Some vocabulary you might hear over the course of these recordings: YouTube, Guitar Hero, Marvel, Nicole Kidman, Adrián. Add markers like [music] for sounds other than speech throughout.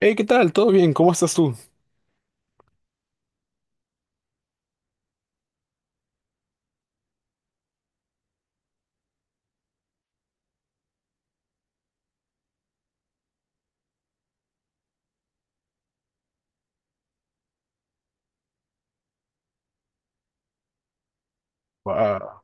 Hey, ¿qué tal? ¿Todo bien? ¿Cómo estás tú? Ah,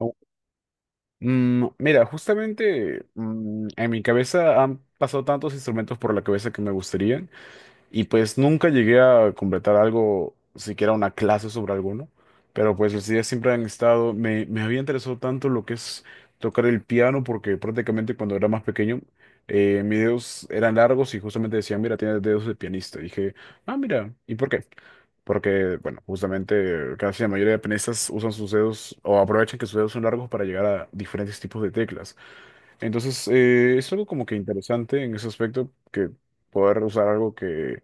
oh, mira, justamente en mi cabeza han pasado tantos instrumentos por la cabeza que me gustarían y pues nunca llegué a completar algo, siquiera una clase sobre alguno, pero pues las ideas siempre han estado, me había interesado tanto lo que es tocar el piano porque prácticamente cuando era más pequeño mis dedos eran largos y justamente decían, mira, tienes dedos de pianista. Y dije, ah, mira, ¿y por qué? Porque, bueno, justamente casi la mayoría de pianistas usan sus dedos o aprovechan que sus dedos son largos para llegar a diferentes tipos de teclas. Entonces, es algo como que interesante en ese aspecto, que poder usar algo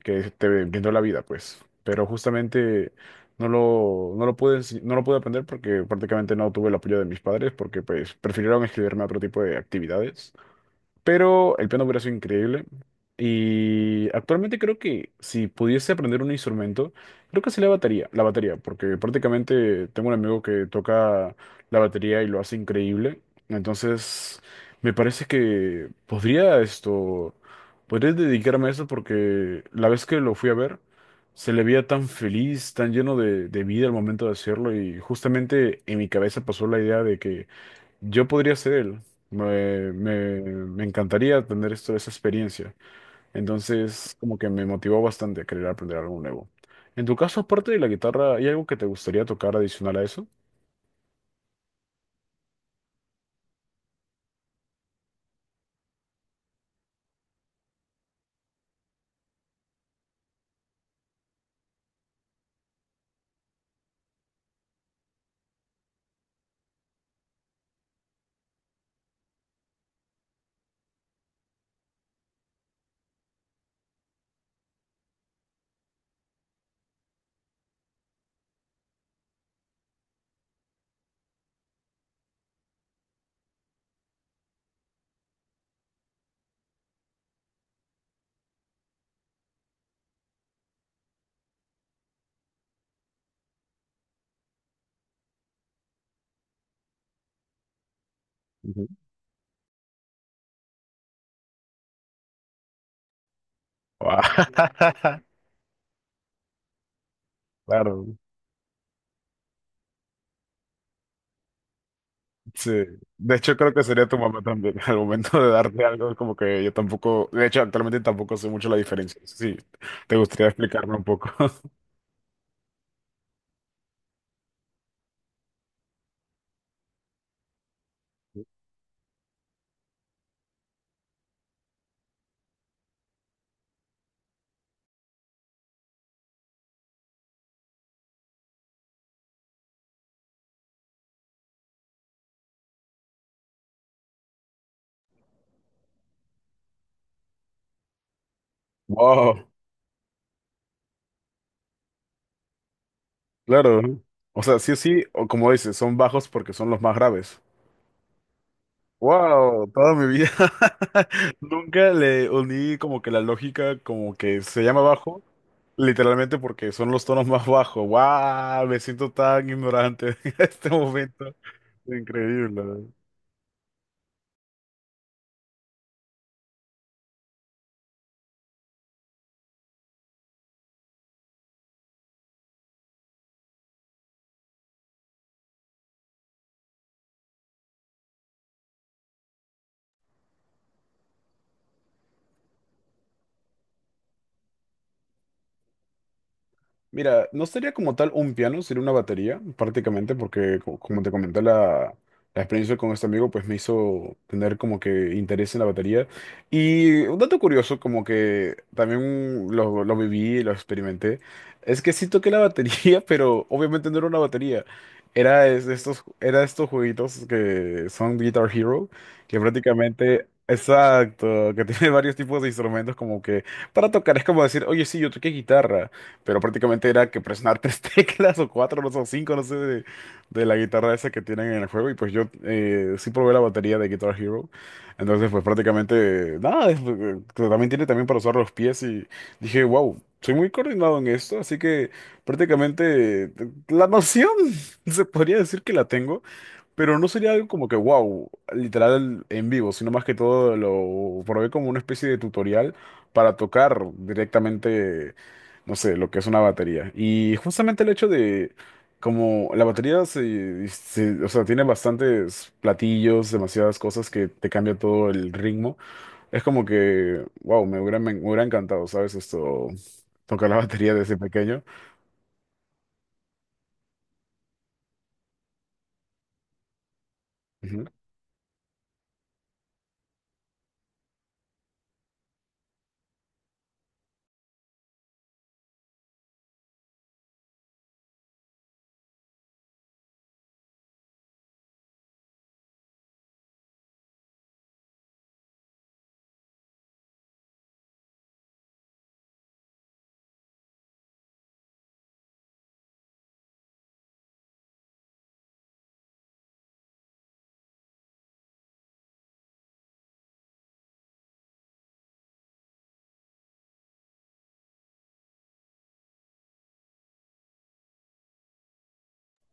que te brindó la vida, pues. Pero justamente no lo pude, no lo pude aprender porque prácticamente no tuve el apoyo de mis padres, porque pues prefirieron escribirme a otro tipo de actividades. Pero el piano hubiera sido increíble. Y actualmente creo que si pudiese aprender un instrumento, creo que sí la batería, porque prácticamente tengo un amigo que toca la batería y lo hace increíble. Entonces, me parece que podría podría dedicarme a eso porque la vez que lo fui a ver, se le veía tan feliz, tan lleno de vida al momento de hacerlo y justamente en mi cabeza pasó la idea de que yo podría ser él. Me encantaría tener esto, esa experiencia. Entonces, como que me motivó bastante a querer aprender algo nuevo. En tu caso, aparte de la guitarra, ¿hay algo que te gustaría tocar adicional a eso? Ujú. [laughs] Claro, sí. De hecho, creo que sería tu mamá también. [laughs] Al momento de darte algo, como que yo tampoco, de hecho, actualmente tampoco sé mucho la diferencia. Sí, te gustaría explicarme un poco. [laughs] Wow, claro. ¿No? O sea, sí o sí, o como dices, son bajos porque son los más graves. Wow, toda mi vida [laughs] nunca le uní como que la lógica como que se llama bajo, literalmente porque son los tonos más bajos. Wow, me siento tan ignorante [laughs] en este momento. Increíble. Mira, no sería como tal un piano, sería una batería, prácticamente, porque como te comenté, la experiencia con este amigo pues me hizo tener como que interés en la batería. Y un dato curioso, como que también lo viví, lo experimenté, es que sí toqué la batería, [laughs] pero obviamente no era una batería. Era era estos jueguitos que son Guitar Hero, que prácticamente… Exacto, que [laughs] tiene varios tipos de instrumentos como que para tocar, es como decir, oye, sí, yo toqué guitarra pero prácticamente era que presionar tres [laughs] teclas o cuatro, no sé, o cinco, no sé, de la guitarra esa que tienen en el juego. Y pues yo sí probé la batería de Guitar Hero. Entonces, pues prácticamente, nada, también tiene también para usar los pies y dije, wow, soy muy coordinado en esto, así que prácticamente la noción [laughs] se podría decir que la tengo. Pero no sería algo como que, wow, literal en vivo, sino más que todo lo probé como una especie de tutorial para tocar directamente, no sé, lo que es una batería. Y justamente el hecho de, como la batería o sea, tiene bastantes platillos, demasiadas cosas que te cambia todo el ritmo, es como que, wow, me hubiera encantado, ¿sabes? Esto, tocar la [laughs] batería desde pequeño. Ujú.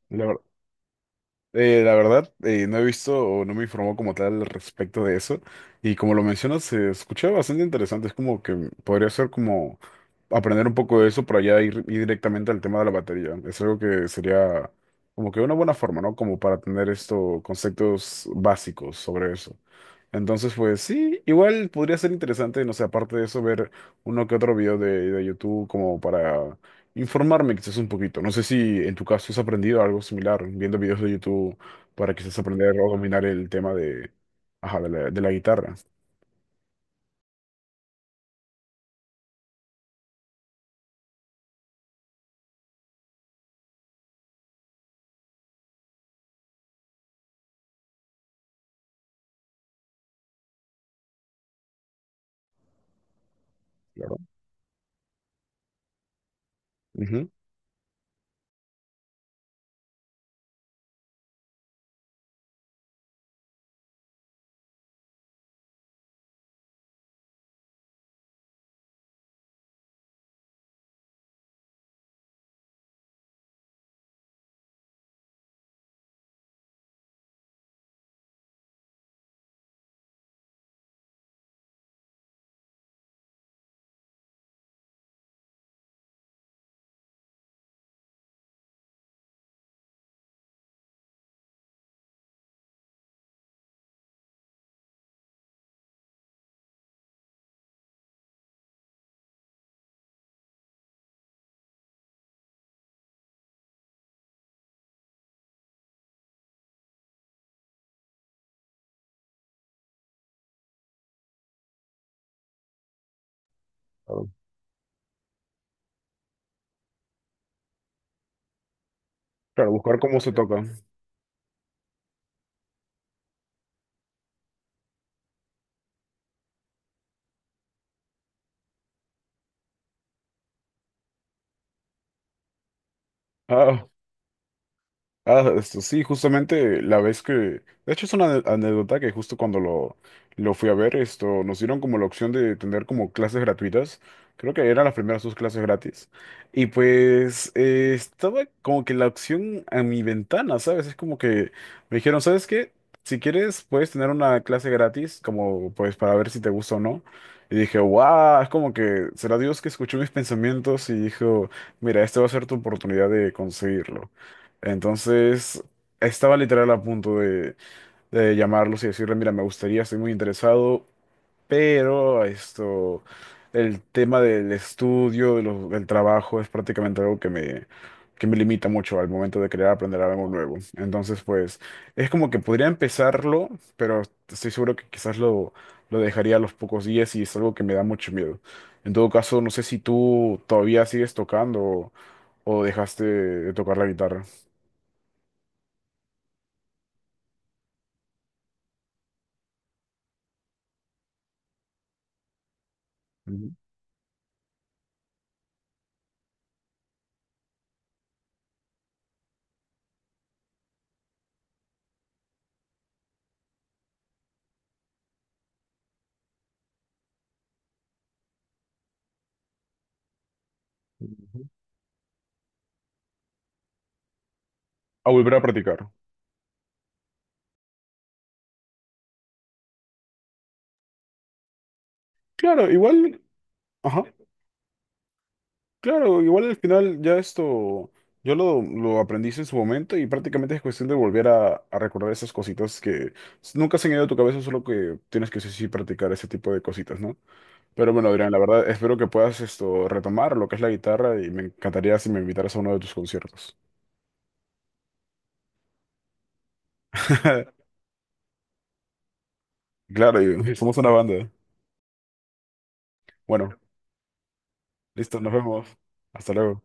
La ver- la verdad, no he visto o no me informó como tal al respecto de eso. Y como lo mencionas, se escucha bastante interesante. Es como que podría ser como aprender un poco de eso para ya ir directamente al tema de la batería. Es algo que sería como que una buena forma, ¿no? Como para tener estos conceptos básicos sobre eso. Entonces, pues sí, igual podría ser interesante, no sé, aparte de eso, ver uno que otro video de YouTube como para informarme quizás un poquito. No sé si en tu caso has aprendido algo similar, viendo videos de YouTube para quizás aprender o dominar el tema de, ajá, de de la guitarra. Claro. Ujú. Claro. Claro, buscar cómo se toca. Ah, sí, justamente la vez de hecho es una anécdota que justo cuando lo fui a ver, esto, nos dieron como la opción de tener como clases gratuitas, creo que eran las primeras dos clases gratis, y pues estaba como que la opción a mi ventana, ¿sabes? Es como que me dijeron, ¿sabes qué? Si quieres, puedes tener una clase gratis, como pues para ver si te gusta o no. Y dije, wow, es como que será Dios que escuchó mis pensamientos y dijo, mira, esta va a ser tu oportunidad de conseguirlo. Entonces, estaba literal a punto de llamarlos y decirle, mira, me gustaría, estoy muy interesado, pero esto, el tema del estudio, del trabajo es prácticamente algo que que me limita mucho al momento de querer aprender algo nuevo. Entonces, pues, es como que podría empezarlo, pero estoy seguro que quizás lo dejaría a los pocos días y es algo que me da mucho miedo. En todo caso, no sé si tú todavía sigues tocando o dejaste de tocar la guitarra. Ujú. A volver a practicar. Claro, igual, ajá, claro, igual al final ya esto, yo lo aprendí en su momento y prácticamente es cuestión de volver a recordar esas cositas que nunca se han ido de tu cabeza, solo que tienes que sí, sí practicar ese tipo de cositas, ¿no? Pero bueno, Adrián, la verdad, espero que puedas esto retomar lo que es la guitarra y me encantaría si me invitaras a uno de tus conciertos. [laughs] Claro, y somos una banda. Bueno, listo, nos vemos. Hasta luego.